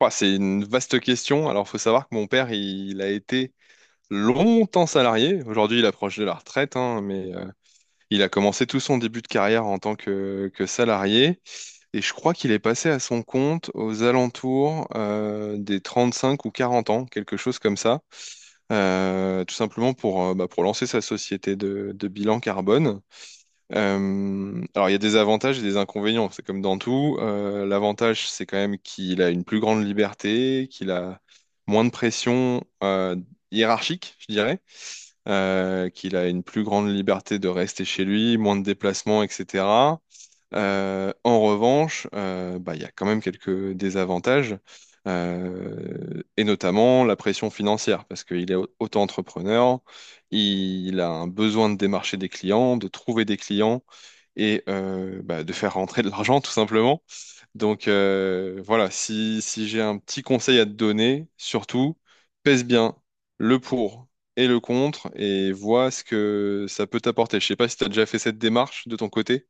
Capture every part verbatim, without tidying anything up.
Bah, c'est une vaste question. Alors, faut savoir que mon père, il, il a été longtemps salarié. Aujourd'hui, il approche de la retraite, hein, mais euh, il a commencé tout son début de carrière en tant que, que salarié. Et je crois qu'il est passé à son compte aux alentours euh, des cinq ou quarante ans, quelque chose comme ça. Euh, tout simplement pour, euh, bah, pour lancer sa société de, de bilan carbone. Euh, alors, il y a des avantages et des inconvénients, c'est comme dans tout. Euh, l'avantage, c'est quand même qu'il a une plus grande liberté, qu'il a moins de pression euh, hiérarchique, je dirais, euh, qu'il a une plus grande liberté de rester chez lui, moins de déplacements, et cetera. Euh, en revanche, euh, bah, il y a quand même quelques désavantages, euh, et notamment la pression financière, parce qu'il est au- auto-entrepreneur, il a un besoin de démarcher des clients, de trouver des clients et euh, bah, de faire rentrer de l'argent tout simplement. Donc euh, voilà, si, si j'ai un petit conseil à te donner, surtout, pèse bien le pour et le contre et vois ce que ça peut t'apporter. Je sais pas si tu as déjà fait cette démarche de ton côté.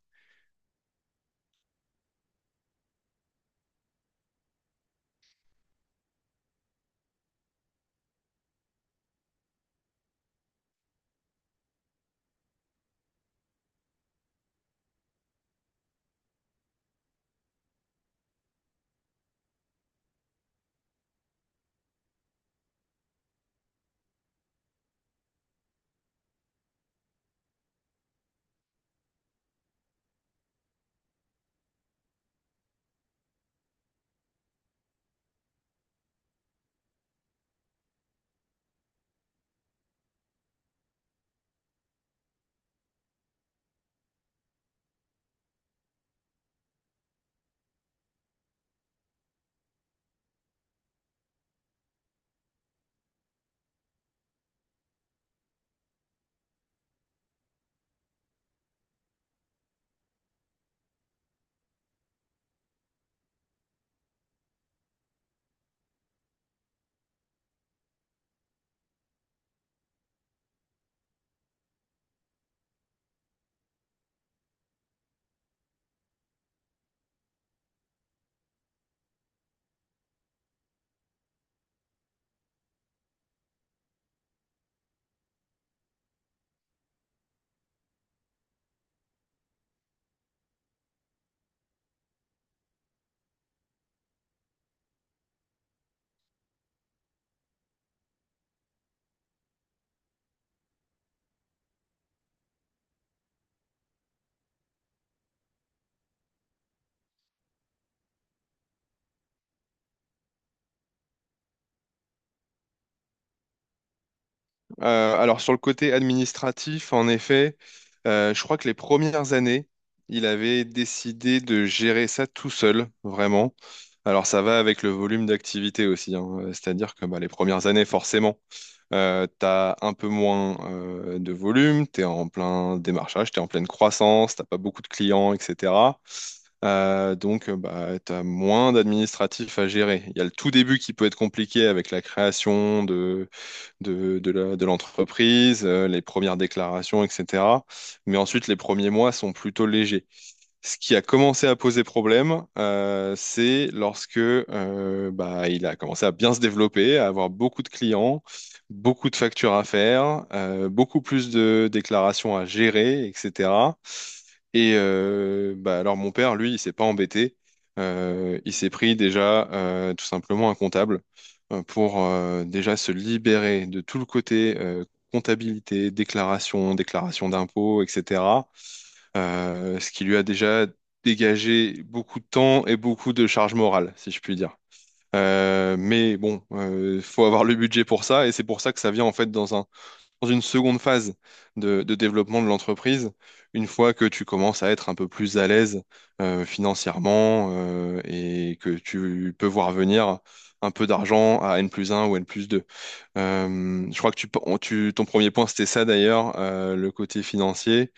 Euh, alors sur le côté administratif, en effet, euh, je crois que les premières années, il avait décidé de gérer ça tout seul, vraiment. Alors ça va avec le volume d'activité aussi, hein. C'est-à-dire que bah, les premières années, forcément. Euh, t'as un peu moins euh, de volume, t'es en plein démarchage, t'es en pleine croissance, t'as pas beaucoup de clients, et cetera. Euh, donc euh, bah, t'as moins d'administratifs à gérer. Il y a le tout début qui peut être compliqué avec la création de, de, de la- de l'entreprise, euh, les premières déclarations, et cetera. Mais ensuite, les premiers mois sont plutôt légers. Ce qui a commencé à poser problème, euh, c'est lorsque euh, bah, il a commencé à bien se développer, à avoir beaucoup de clients, beaucoup de factures à faire, euh, beaucoup plus de déclarations à gérer, et cetera. Et euh, bah, alors mon père, lui, il s'est pas embêté. Euh, il s'est pris déjà euh, tout simplement un comptable euh, pour euh, déjà se libérer de tout le côté euh, comptabilité, déclaration, déclaration d'impôts, etc. Euh, ce qui lui a déjà dégagé beaucoup de temps et beaucoup de charge morale, si je puis dire. Euh, mais bon, euh, faut avoir le budget pour ça, et c'est pour ça que ça vient en fait dans un, dans une seconde phase de, de développement de l'entreprise, une fois que tu commences à être un peu plus à l'aise euh, financièrement euh, et que tu peux voir venir un peu d'argent à N plus un ou N plus deux. Je crois que tu, tu- ton premier point, c'était ça d'ailleurs, euh, le côté financier.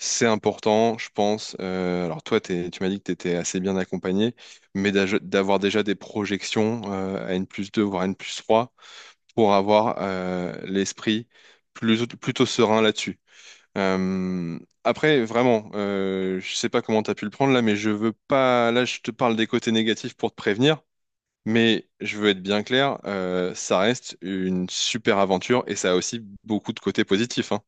C'est important, je pense. Euh, alors toi, t'es- tu m'as dit que tu étais assez bien accompagné, mais d'aj- d'avoir déjà des projections euh, à N plus deux, voire N plus trois, pour avoir euh, l'esprit plus- plutôt serein là-dessus. Euh, Après, vraiment, euh, je sais pas comment tu as pu le prendre là, mais je veux pas... Là, je te parle des côtés négatifs pour te prévenir, mais je veux être bien clair, euh, ça reste une super aventure et ça a aussi beaucoup de côtés positifs, hein.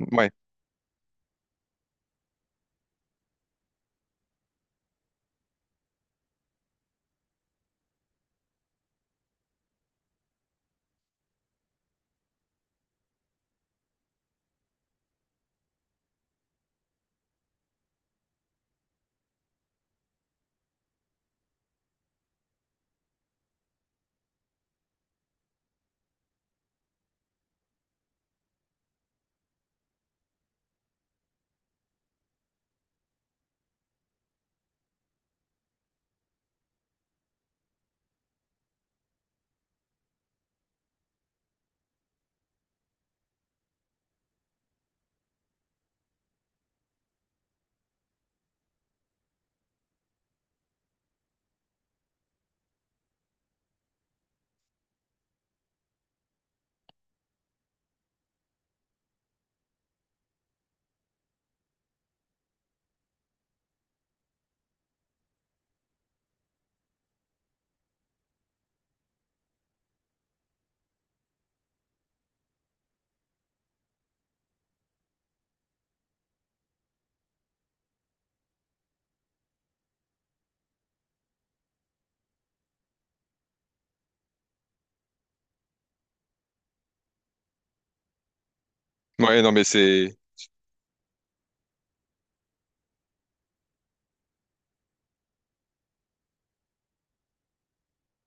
Ouais. Ouais, non, mais c'est...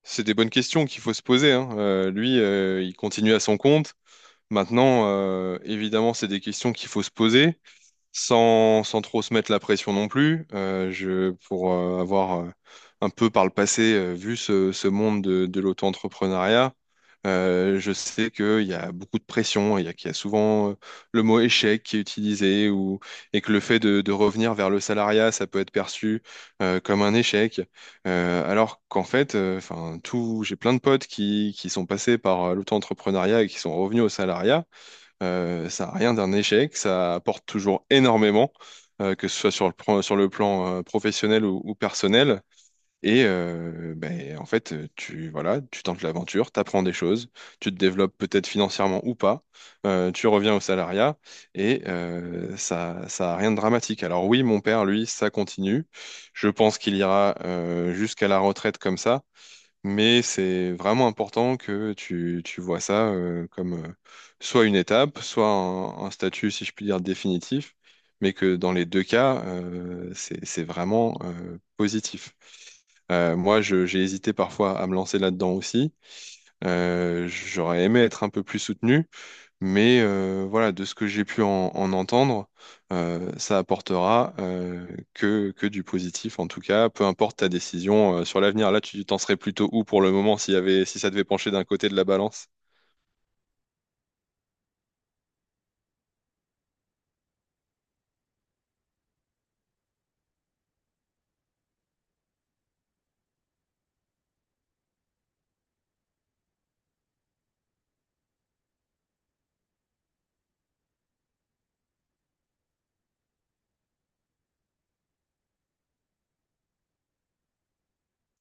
C'est des bonnes questions qu'il faut se poser, hein. Euh, lui, euh, il continue à son compte. Maintenant, euh, évidemment, c'est des questions qu'il faut se poser sans, sans trop se mettre la pression non plus. Euh, je, pour euh, avoir euh, un peu par le passé euh, vu ce, ce monde de, de l'auto-entrepreneuriat, euh, je sais qu'il y a beaucoup de pression, il y a, qu'il y a souvent euh, le mot échec qui est utilisé ou, et que le fait de, de revenir vers le salariat, ça peut être perçu euh, comme un échec. Euh, alors qu'en fait, euh, enfin, tout, j'ai plein de potes qui, qui sont passés par euh, l'auto-entrepreneuriat et qui sont revenus au salariat. Euh, ça n'a rien d'un échec, ça apporte toujours énormément, euh, que ce soit sur le, pro- sur le plan euh, professionnel ou, ou personnel. Et euh, ben, en fait, tu voilà, tu tentes l'aventure, tu apprends des choses, tu te développes peut-être financièrement ou pas, euh, tu reviens au salariat et euh, ça, ça a rien de dramatique. Alors oui, mon père, lui, ça continue. Je pense qu'il ira euh, jusqu'à la retraite comme ça. Mais c'est vraiment important que tu, tu vois ça euh, comme euh, soit une étape, soit un, un statut, si je puis dire, définitif, mais que dans les deux cas, euh, c'est, c'est vraiment euh, positif. Euh, moi, je- j'ai hésité parfois à me lancer là-dedans aussi. Euh, j'aurais aimé être un peu plus soutenu, mais euh, voilà, de ce que j'ai pu en, en entendre, euh, ça apportera euh, que, que du positif, en tout cas, peu importe ta décision euh, sur l'avenir. Là, tu t'en serais plutôt où pour le moment s'il y avait, si ça devait pencher d'un côté de la balance?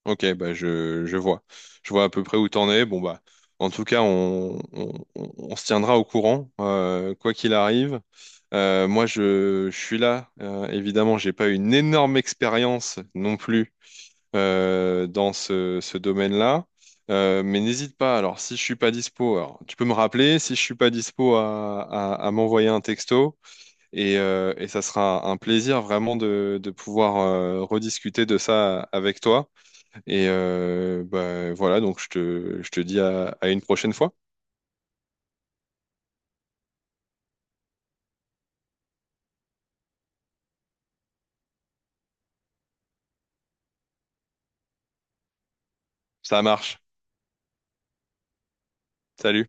Ok, bah je, je vois. Je vois à peu près où t'en es. Bon, bah, en tout cas, on, on, on- on se tiendra au courant, euh, quoi qu'il arrive. Euh, moi, je, je suis là. Euh, évidemment, j'ai pas une énorme expérience non plus euh, dans ce, ce domaine-là. Euh, mais n'hésite pas, alors si je suis pas dispo, alors, tu peux me rappeler, si je suis pas dispo à, à- à m'envoyer un texto et, euh, et ça sera un plaisir vraiment de, de pouvoir euh, rediscuter de ça avec toi. Et euh, bah, voilà, donc je te, je te dis à à une prochaine fois. Ça marche. Salut.